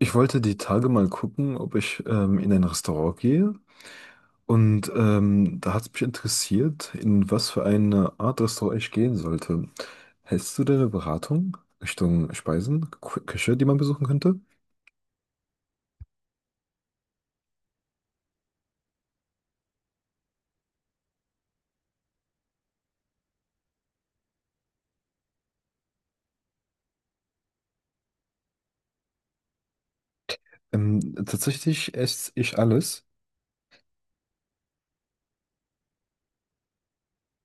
Ich wollte die Tage mal gucken, ob ich in ein Restaurant gehe. Und da hat es mich interessiert, in was für eine Art Restaurant ich gehen sollte. Hältst du deine Beratung Richtung Speisen, Küche, die man besuchen könnte? Tatsächlich esse ich alles.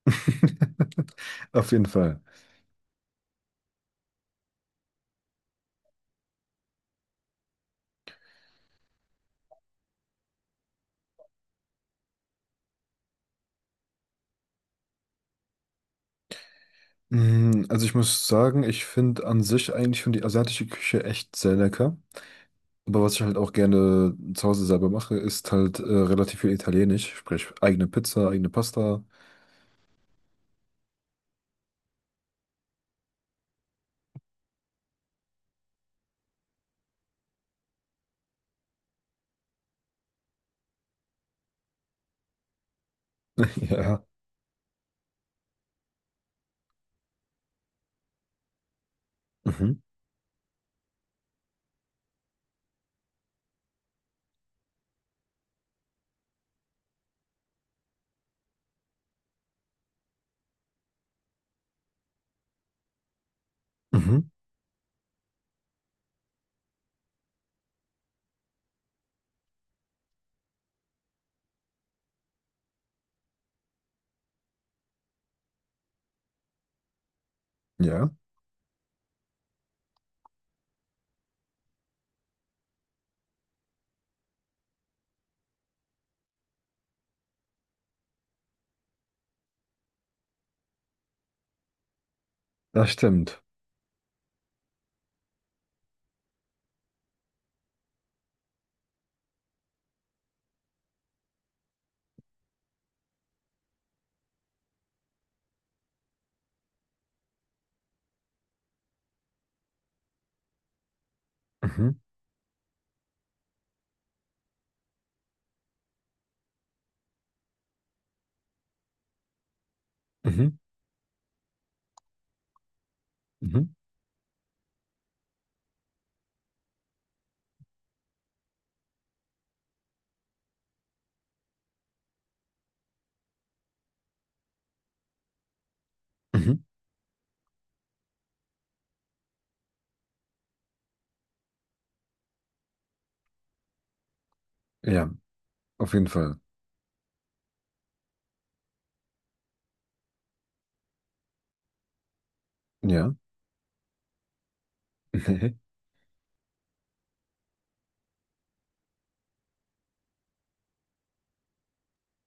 Auf jeden Fall. Mm, also ich muss sagen, ich finde an sich eigentlich schon die asiatische Küche echt sehr lecker. Aber was ich halt auch gerne zu Hause selber mache, ist halt relativ viel Italienisch, sprich eigene Pizza, eigene Pasta. Ja. Mhm. Mhm. Ja, das stimmt. Mhm. Mhm. Mhm. Mhm. Ja, auf jeden Fall. Ja.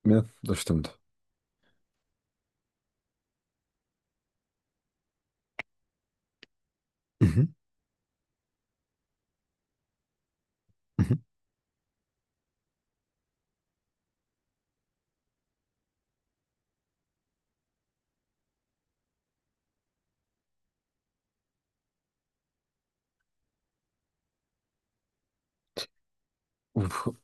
Ja, das stimmt. Mhm. Mhm. Uff.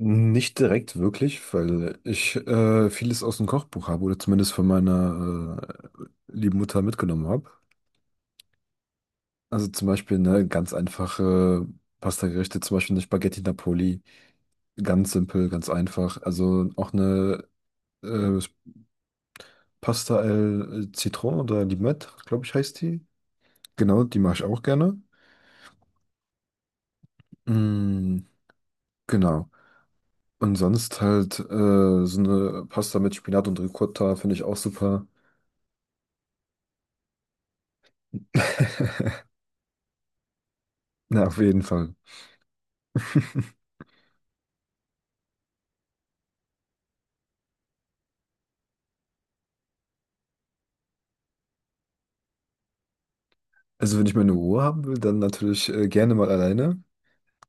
Nicht direkt wirklich, weil ich vieles aus dem Kochbuch habe oder zumindest von meiner äh, lieben Mutter mitgenommen habe. Also zum Beispiel ne, ganz einfache Pastagerichte, zum Beispiel eine Spaghetti Napoli. Ganz simpel, ganz einfach. Also auch eine äh, Pasta al Citron oder Limette, glaube ich, heißt die. Genau, die mache ich auch gerne. Mm, genau. Und sonst halt so eine Pasta mit Spinat und Ricotta finde ich auch super. Na, auf jeden Fall. Also wenn ich meine Ruhe haben will, dann natürlich gerne mal alleine.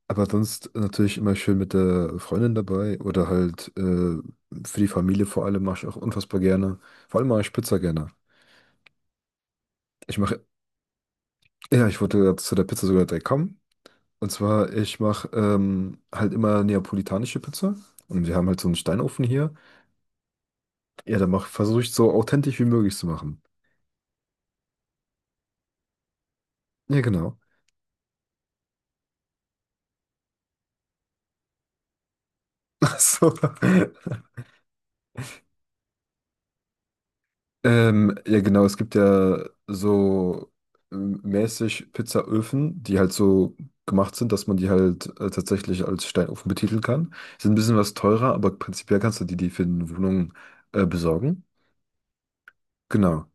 Aber sonst natürlich immer schön mit der Freundin dabei oder halt für die Familie vor allem mache ich auch unfassbar gerne. Vor allem mache ich Pizza gerne. Ich mache, ja, ich wollte gerade zu der Pizza sogar direkt kommen. Und zwar, ich mache halt immer neapolitanische Pizza. Und wir haben halt so einen Steinofen hier. Ja, da versuche ich so authentisch wie möglich zu machen. Ja, genau. Ach so. Ja, genau. Es gibt ja so mäßig Pizzaöfen, die halt so gemacht sind, dass man die halt tatsächlich als Steinofen betiteln kann. Sind ein bisschen was teurer, aber prinzipiell kannst du die, die für eine Wohnung besorgen. Genau.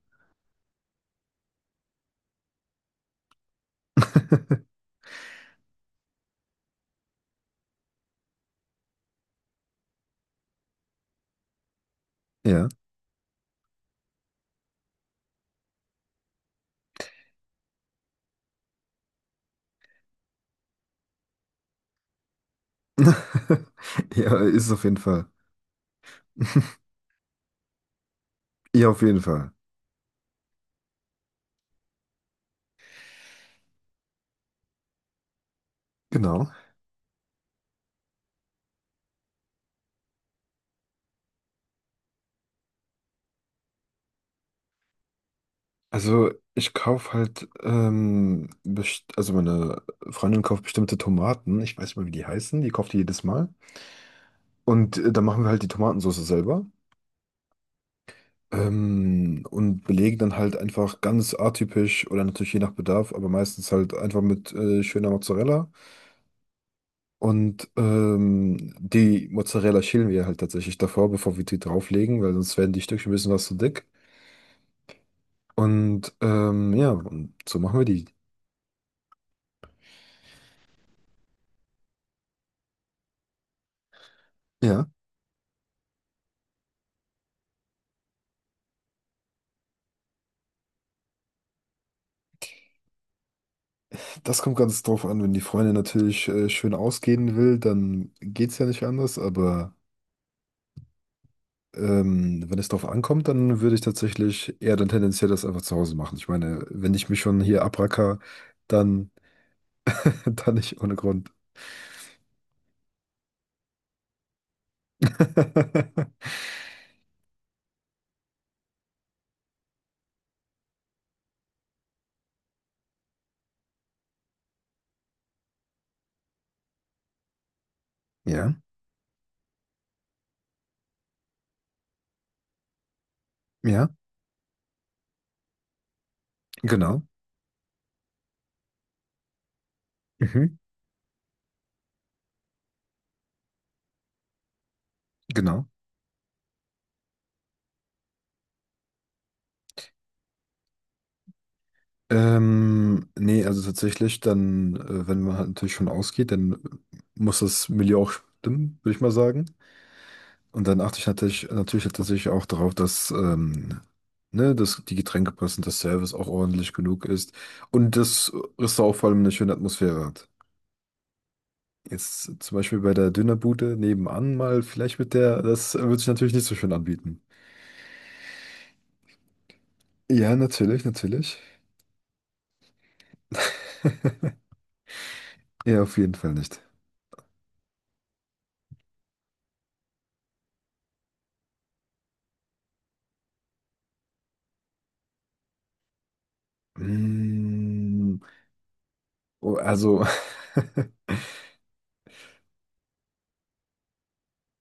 Ja. Ja, ist auf jeden Fall. Ja, auf jeden Fall. Genau. Also ich kaufe halt, also meine Freundin kauft bestimmte Tomaten. Ich weiß nicht mal, wie die heißen. Die kauft die jedes Mal. Und dann machen wir halt die Tomatensauce selber. Und belegen dann halt einfach ganz atypisch oder natürlich je nach Bedarf, aber meistens halt einfach mit schöner Mozzarella. Und die Mozzarella schälen wir halt tatsächlich davor, bevor wir die drauflegen, weil sonst werden die Stückchen ein bisschen was zu dick. Und ja, und so machen wir die. Ja, das kommt ganz drauf an, wenn die Freundin natürlich schön ausgehen will, dann geht's ja nicht anders, aber wenn es drauf ankommt, dann würde ich tatsächlich eher dann tendenziell das einfach zu Hause machen. Ich meine, wenn ich mich schon hier abracker, dann, dann nicht ohne Grund. Ja, ja, genau. Mhm. Genau. Nee, also tatsächlich, dann, wenn man halt natürlich schon ausgeht, dann muss das Milieu auch stimmen, würde ich mal sagen. Und dann achte ich natürlich, natürlich tatsächlich auch darauf, dass, ne, dass die Getränke passen, dass Service auch ordentlich genug ist und das Restaurant vor allem eine schöne Atmosphäre hat. Jetzt zum Beispiel bei der Dönerbude nebenan mal, vielleicht mit der, das würde sich natürlich nicht so schön anbieten. Ja, natürlich, natürlich. Ja, auf jeden Fall nicht. Mm, oh, also,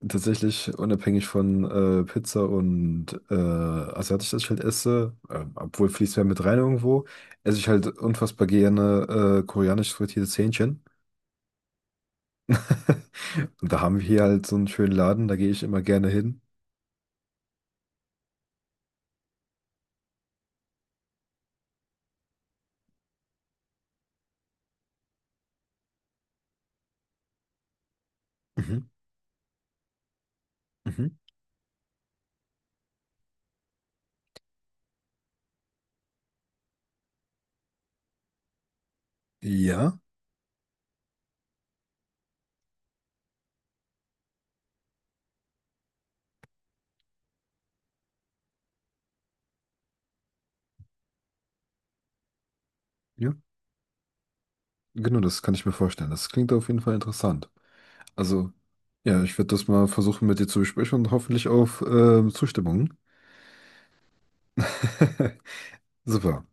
tatsächlich unabhängig von Pizza und asiatisches ich halt esse, obwohl fließt mehr mit rein irgendwo, esse ich halt unfassbar gerne koreanisch frittiertes Hähnchen. Und da haben wir hier halt so einen schönen Laden, da gehe ich immer gerne hin. Mhm. Mhm. Ja, ja, genau, das kann ich mir vorstellen. Das klingt auf jeden Fall interessant. Also, ja, ich werde das mal versuchen mit dir zu besprechen und hoffentlich auf Zustimmung. Super.